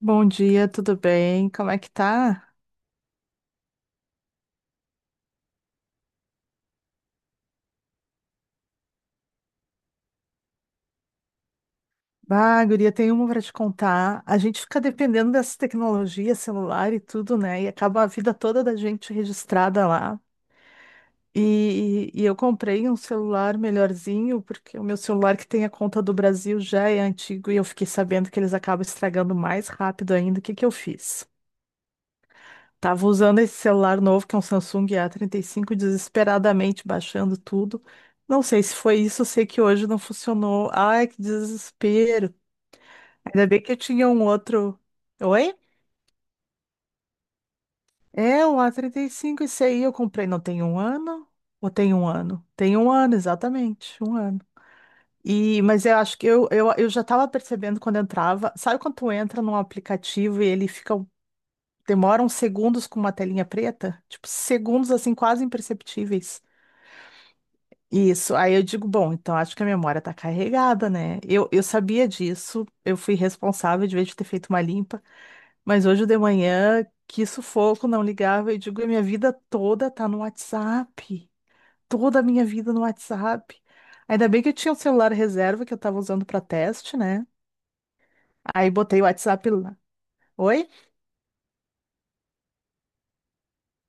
Bom dia, tudo bem? Como é que tá? Bah, guria, tem uma para te contar. A gente fica dependendo dessa tecnologia, celular e tudo, né? E acaba a vida toda da gente registrada lá. E eu comprei um celular melhorzinho, porque o meu celular que tem a conta do Brasil já é antigo e eu fiquei sabendo que eles acabam estragando mais rápido ainda. O que que eu fiz? Tava usando esse celular novo, que é um Samsung A35, desesperadamente baixando tudo. Não sei se foi isso, eu sei que hoje não funcionou. Ai, que desespero. Ainda bem que eu tinha um outro. Oi? É, um A35, esse aí eu comprei, não tem um ano? Ou tem um ano? Tem um ano, exatamente, um ano. E, mas eu acho que eu já estava percebendo quando entrava. Sabe quando tu entra num aplicativo e ele fica, demora uns segundos com uma telinha preta? Tipo, segundos assim, quase imperceptíveis. Isso, aí eu digo, bom, então acho que a memória tá carregada, né? Eu sabia disso, eu fui responsável de vez de ter feito uma limpa, mas hoje de manhã, que sufoco, não ligava, eu digo, a minha vida toda tá no WhatsApp, toda a minha vida no WhatsApp. Ainda bem que eu tinha um celular reserva que eu tava usando pra teste, né? Aí botei o WhatsApp lá. Oi?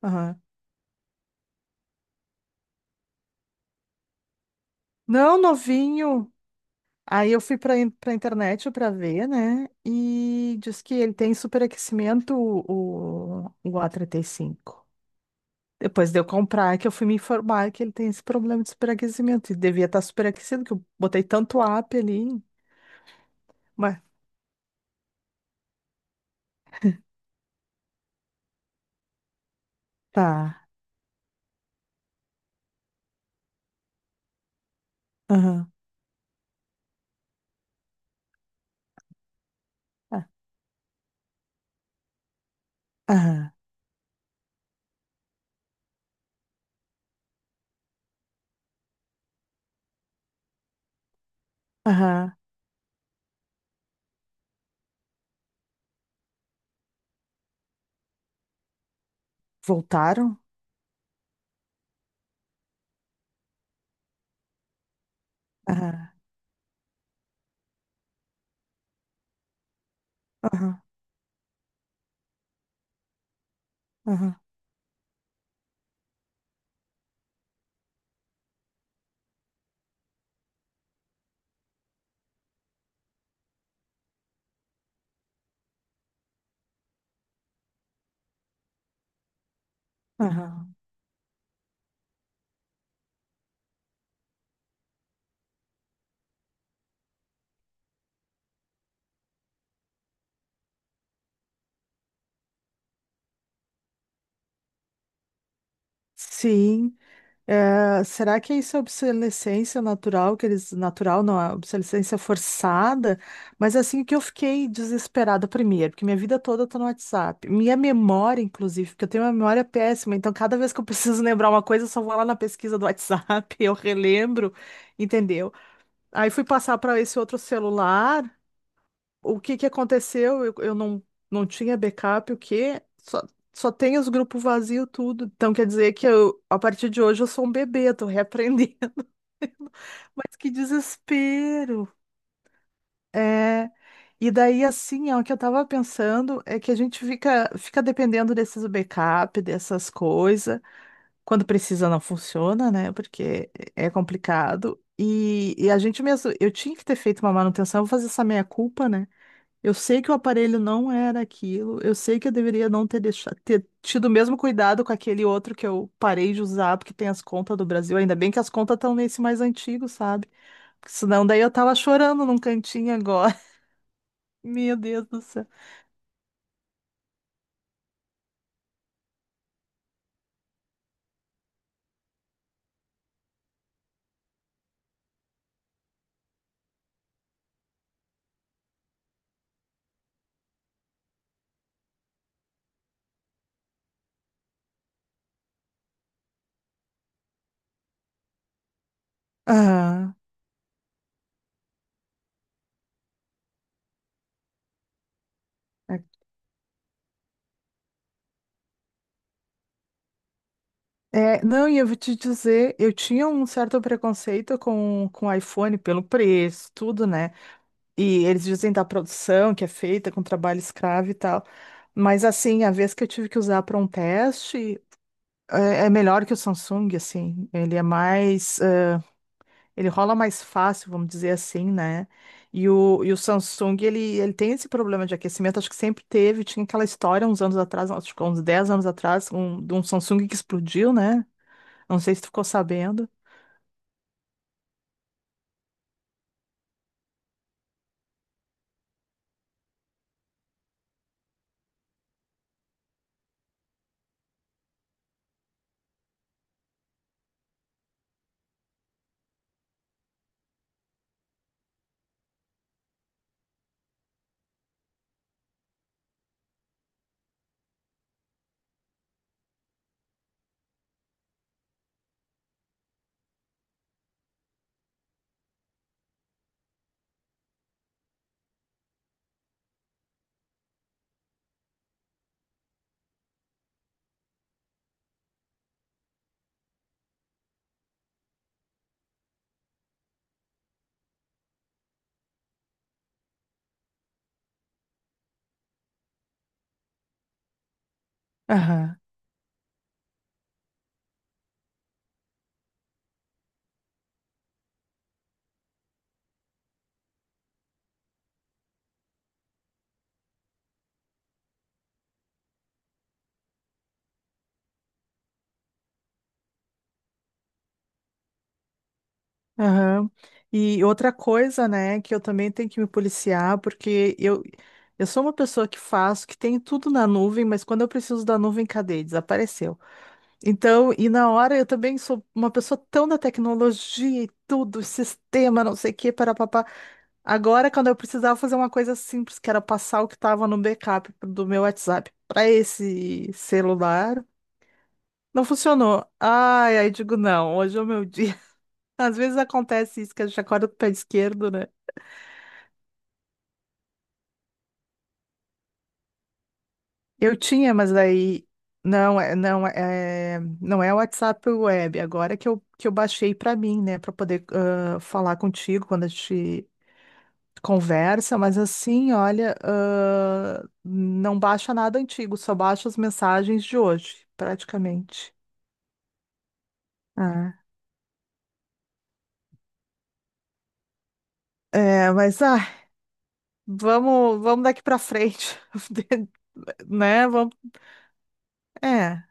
Aham. Não, novinho. Aí eu fui para internet para ver, né? E diz que ele tem superaquecimento o A35. E cinco. Depois de eu comprar, que eu fui me informar que ele tem esse problema de superaquecimento. E devia estar superaquecido, que eu botei tanto app ali. Mas tá. Aham. ah, Aham. Aham. Voltaram? Aham. Aham. Aham. Aham. Sim. É, será que é isso é obsolescência natural, que eles, natural não, é obsolescência forçada? Mas assim que eu fiquei desesperada primeiro, porque minha vida toda eu tô no WhatsApp. Minha memória, inclusive, porque eu tenho uma memória péssima, então cada vez que eu preciso lembrar uma coisa, eu só vou lá na pesquisa do WhatsApp, eu relembro, entendeu? Aí fui passar para esse outro celular, o que que aconteceu? Eu não, não tinha backup, o quê? Só tem os grupos vazios, tudo. Então quer dizer que eu, a partir de hoje eu sou um bebê, tô reaprendendo. Mas que desespero. É. E daí, assim, ó, o que eu tava pensando é que a gente fica dependendo desses backup, dessas coisas. Quando precisa, não funciona, né? Porque é complicado. E a gente mesmo, eu tinha que ter feito uma manutenção, vou fazer essa meia-culpa, né? Eu sei que o aparelho não era aquilo, eu sei que eu deveria não ter deixado, ter tido o mesmo cuidado com aquele outro que eu parei de usar, porque tem as contas do Brasil. Ainda bem que as contas estão nesse mais antigo, sabe? Porque senão daí eu tava chorando num cantinho agora. Meu Deus do céu. Ah, é, é, não, e eu vou te dizer, eu tinha um certo preconceito com o iPhone pelo preço, tudo, né? E eles dizem da produção que é feita com trabalho escravo e tal. Mas assim, a vez que eu tive que usar para um teste. É melhor que o Samsung, assim. Ele é mais, ele rola mais fácil, vamos dizer assim, né? E o Samsung, ele tem esse problema de aquecimento, acho que sempre teve. Tinha aquela história uns anos atrás, acho que uns 10 anos atrás, de um Samsung que explodiu, né? Não sei se tu ficou sabendo. Aham, aham. E outra coisa, né, que eu também tenho que me policiar, porque eu sou uma pessoa que faço, que tem tudo na nuvem, mas quando eu preciso da nuvem, cadê? Desapareceu. Então, e na hora eu também sou uma pessoa tão da tecnologia e tudo, sistema, não sei o que, papá. Agora, quando eu precisava fazer uma coisa simples, que era passar o que estava no backup do meu WhatsApp para esse celular, não funcionou. Ai, aí digo, não, hoje é o meu dia. Às vezes acontece isso, que a gente acorda com o pé esquerdo, né? Eu tinha, mas daí não é o WhatsApp Web, agora que eu baixei para mim, né, para poder falar contigo quando a gente conversa, mas assim, olha, não baixa nada antigo, só baixa as mensagens de hoje, praticamente. Ah. É, mas vamos daqui para frente, né? Vamos, é.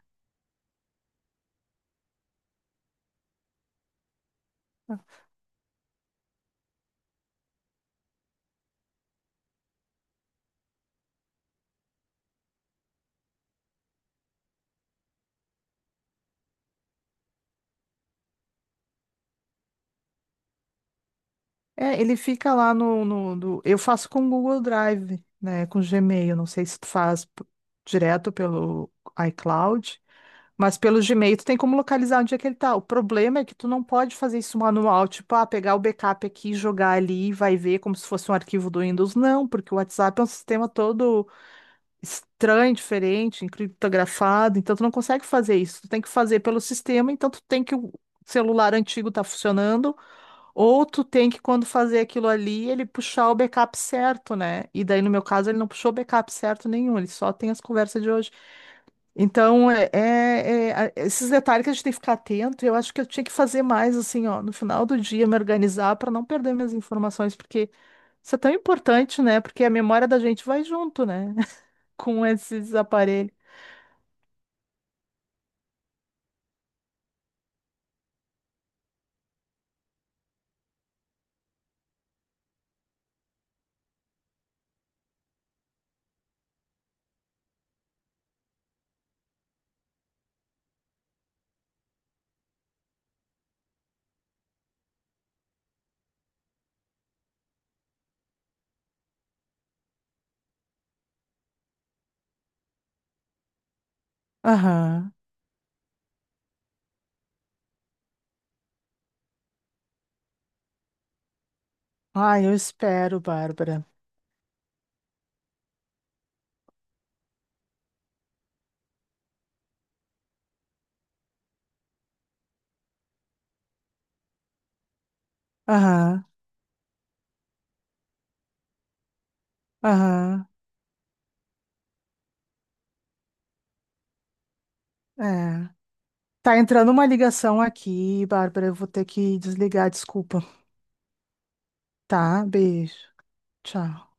É, ele fica lá eu faço com o Google Drive, né? Com Gmail. Não sei se tu faz direto pelo iCloud, mas pelo Gmail tu tem como localizar onde é que ele tá. O problema é que tu não pode fazer isso manual, tipo, pegar o backup aqui, jogar ali e vai ver como se fosse um arquivo do Windows. Não, porque o WhatsApp é um sistema todo estranho, diferente, encriptografado, então tu não consegue fazer isso. Tu tem que fazer pelo sistema, então tu tem que o celular antigo tá funcionando. Ou tu tem que, quando fazer aquilo ali, ele puxar o backup certo, né? E daí, no meu caso, ele não puxou backup certo nenhum, ele só tem as conversas de hoje. Então, esses detalhes que a gente tem que ficar atento, eu acho que eu tinha que fazer mais, assim, ó, no final do dia, me organizar para não perder minhas informações, porque isso é tão importante, né? Porque a memória da gente vai junto, né? Com esses aparelhos. Aham. Ah, eu espero, Bárbara. Aham, aham. É. Tá entrando uma ligação aqui, Bárbara. Eu vou ter que desligar, desculpa. Tá, beijo. Tchau.